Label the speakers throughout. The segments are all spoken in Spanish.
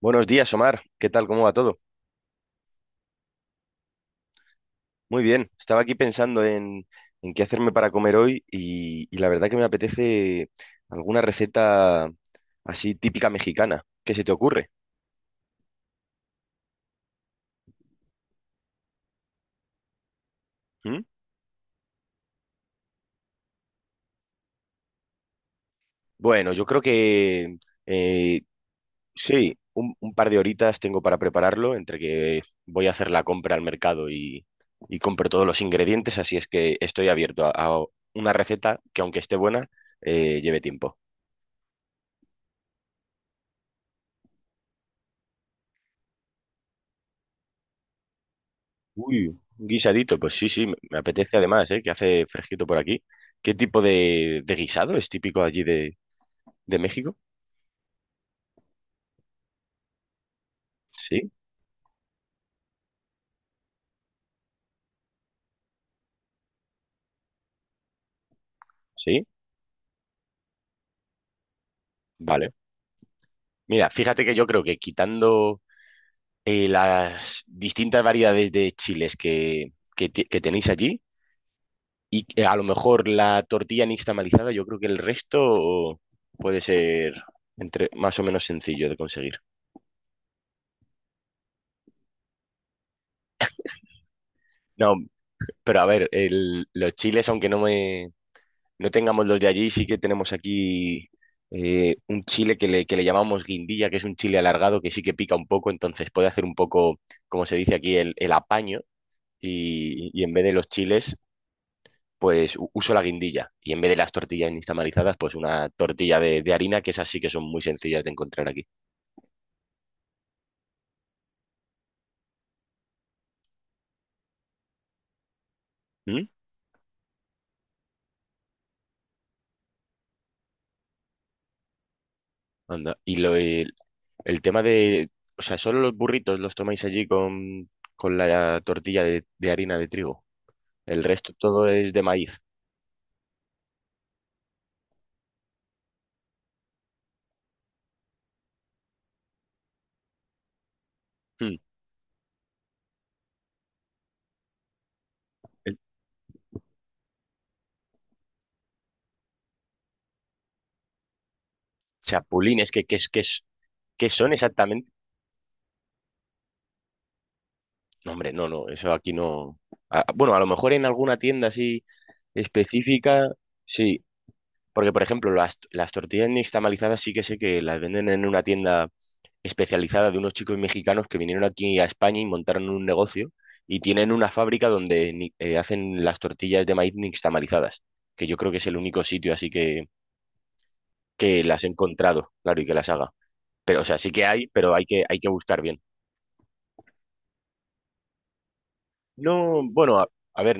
Speaker 1: Buenos días, Omar. ¿Qué tal? ¿Cómo va todo? Muy bien. Estaba aquí pensando en qué hacerme para comer hoy y la verdad que me apetece alguna receta así típica mexicana. ¿Qué se te ocurre? ¿Mm? Bueno, yo creo que eh, sí, un par de horitas tengo para prepararlo entre que voy a hacer la compra al mercado y compro todos los ingredientes, así es que estoy abierto a una receta que aunque esté buena, lleve tiempo. Uy, un guisadito, pues sí, sí, me apetece además, ¿eh? Que hace fresquito por aquí. ¿Qué tipo de guisado es típico allí de México? Sí, sí, vale. Mira, fíjate que yo creo que quitando las distintas variedades de chiles que tenéis allí y que a lo mejor la tortilla nixtamalizada, yo creo que el resto puede ser entre, más o menos sencillo de conseguir. No, pero a ver, los chiles, aunque no tengamos los de allí, sí que tenemos aquí un chile que le llamamos guindilla, que es un chile alargado que sí que pica un poco, entonces puede hacer un poco, como se dice aquí, el apaño y en vez de los chiles, pues uso la guindilla y en vez de las tortillas instamarizadas, pues una tortilla de harina, que esas sí que son muy sencillas de encontrar aquí. ¿Mm? Anda. Y el tema de, o sea, solo los burritos los tomáis allí con la tortilla de harina de trigo. El resto todo es de maíz. Mm. Chapulines es que, ¿qué, es, qué es- qué son exactamente? No, hombre, no, no, eso aquí no. Ah, bueno, a lo mejor en alguna tienda así específica, sí. Porque, por ejemplo, las tortillas nixtamalizadas sí que sé que las venden en una tienda especializada de unos chicos mexicanos que vinieron aquí a España y montaron un negocio y tienen una fábrica donde hacen las tortillas de maíz nixtamalizadas, que yo creo que es el único sitio así que las he encontrado, claro, y que las haga. Pero, o sea, sí que hay, pero hay hay que buscar bien. No, bueno, a ver,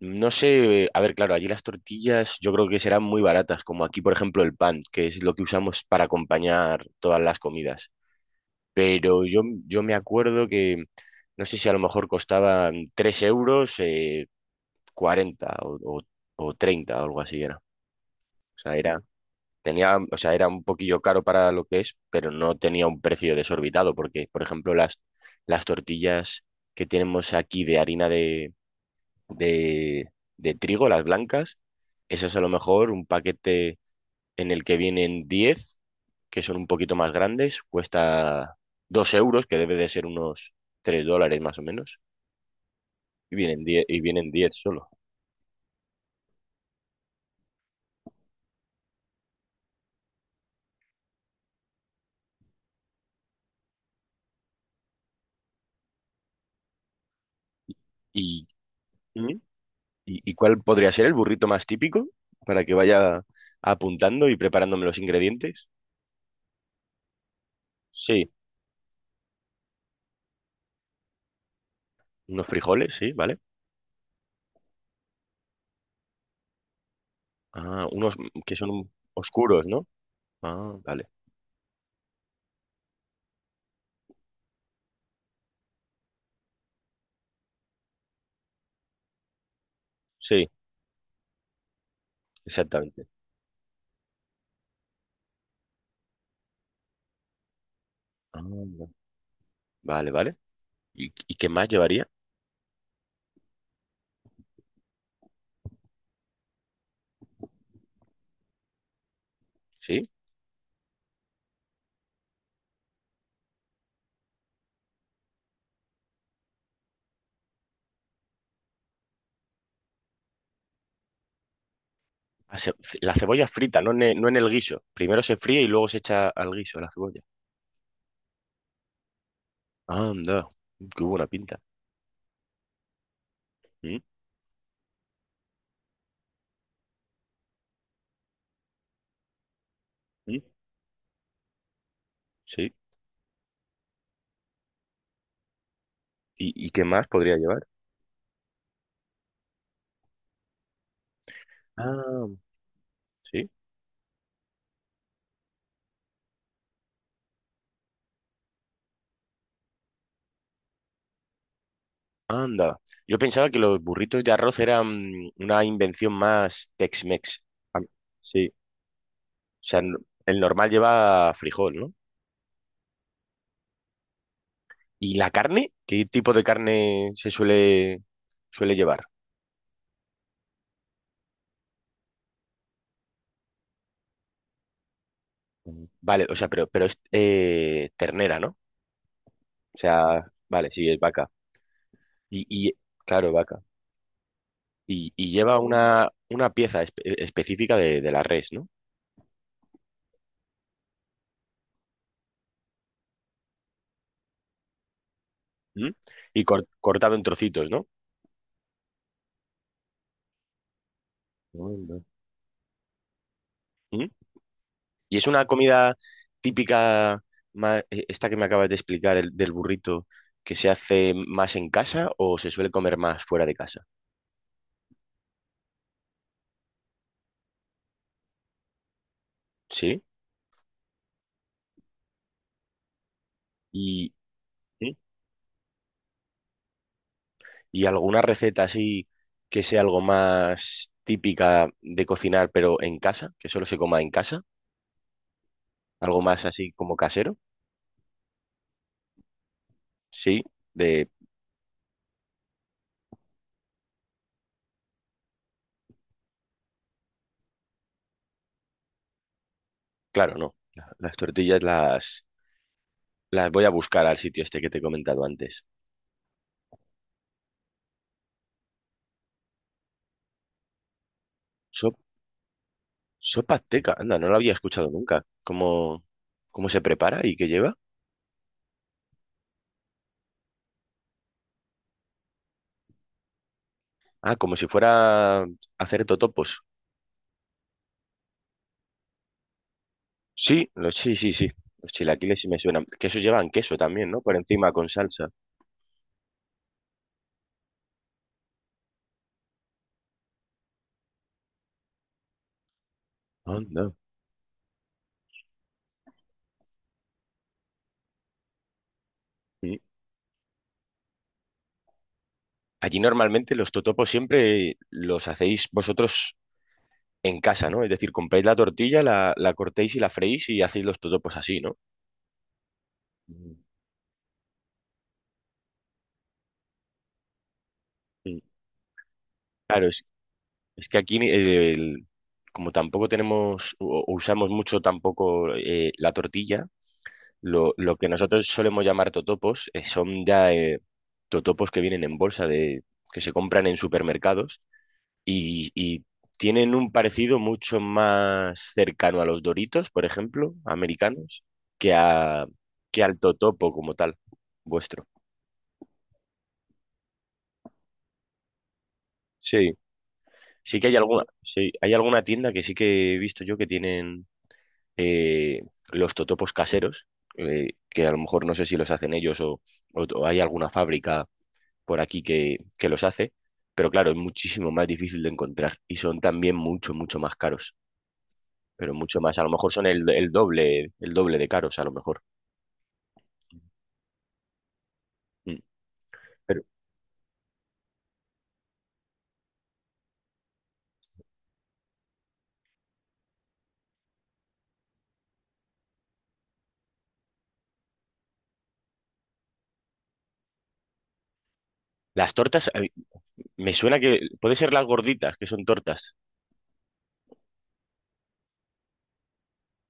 Speaker 1: no sé, a ver, claro, allí las tortillas yo creo que serán muy baratas, como aquí, por ejemplo, el pan, que es lo que usamos para acompañar todas las comidas. Pero yo me acuerdo no sé si a lo mejor costaban 3 euros, 40 o 30 o algo así era. O sea, o sea, era un poquillo caro para lo que es, pero no tenía un precio desorbitado, porque, por ejemplo, las tortillas que tenemos aquí de harina de, de trigo, las blancas. Esas a lo mejor un paquete en el que vienen 10 que son un poquito más grandes, cuesta 2 euros, que debe de ser unos 3 dólares más o menos, y vienen 10 solo. ¿Y, ¿Mm? Y cuál podría ser el burrito más típico para que vaya apuntando y preparándome los ingredientes? Sí, unos frijoles, sí, ¿vale? Ah, unos que son oscuros, ¿no? Ah, vale. Sí, exactamente. Ah, vale, vale. Y qué más llevaría? Sí. La ce- la cebolla frita, no en el guiso. Primero se fríe y luego se echa al guiso la cebolla. Anda, qué buena pinta. Mm, mm, sí. Y qué más podría llevar? Ah, sí. Anda. Yo pensaba que los burritos de arroz eran una invención más Tex-Mex. Ah, sí. O sea, el normal lleva frijol, ¿no? ¿Y la carne? ¿Qué tipo de carne se suele llevar? Ujú. Vale, o sea, pero es ternera, ¿no? O sea, vale, sí, es vaca. Y claro, vaca. Y lleva una pieza específica de la res, ¿no? ¿Mm? Y cortado en trocitos, ¿no? Anda. ¿Mm? Y es una comida típica, esta que me acabas de explicar, del burrito, que se hace más en casa o se suele comer más fuera de casa, ¿sí? Y, ¿sí? y alguna receta así que sea algo más típica de cocinar, pero en casa, que solo se coma en casa, algo más así como casero. Sí, de, claro, no. Las tortillas las voy a buscar al sitio este que te he comentado antes. Sop- Sopa azteca, anda, no la había escuchado nunca. ¿Cómo, cómo se prepara y qué lleva? Ah, como si fuera a hacer totopos. Sí, los, sí, sí, sí. Los chilaquiles sí me suenan. Que esos llevan queso también, ¿no? Por encima con salsa. Anda. Sí. Allí normalmente los totopos siempre los hacéis vosotros en casa, ¿no? Es decir, compráis la tortilla, la cortéis y la freís y hacéis los totopos así, ¿no? Mm. Claro, es que aquí como tampoco tenemos o usamos mucho tampoco la tortilla, lo que nosotros solemos llamar totopos son ya totopos que vienen en bolsa de que se compran en supermercados y tienen un parecido mucho más cercano a los Doritos, por ejemplo, americanos, que a que al totopo como tal, vuestro. Sí, sí que hay alguna, sí, hay alguna tienda que sí que he visto yo que tienen eh, los totopos caseros, que a lo mejor no sé si los hacen ellos o hay alguna fábrica por aquí que los hace, pero claro, es muchísimo más difícil de encontrar y son también mucho, mucho más caros, pero mucho más, a lo mejor son el doble de caros a lo mejor. Mm. Pero las tortas, me suena que puede ser las gorditas, que son tortas.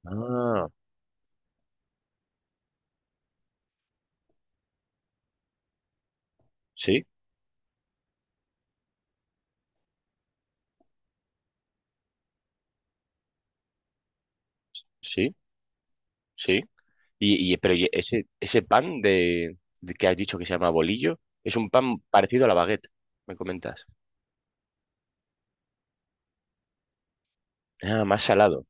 Speaker 1: Ah, sí, sí, sí. Pero y ese pan de que has dicho que se llama bolillo, es un pan parecido a la baguette, me comentas. Ah, más salado.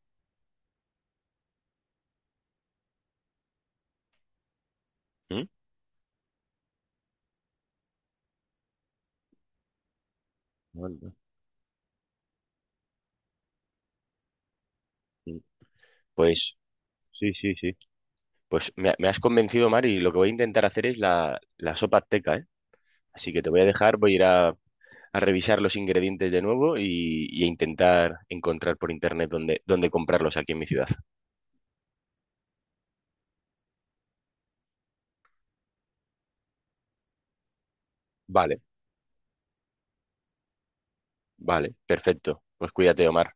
Speaker 1: ¿Mm? Bueno, mm, pues sí, sí, sí. Pues me has convencido, Mari, y lo que voy a intentar hacer es la sopa azteca, ¿eh? Así que te voy a dejar, voy a ir a revisar los ingredientes de nuevo y a intentar encontrar por internet dónde, dónde comprarlos aquí en mi ciudad. Vale, vale, perfecto. Pues cuídate, Omar.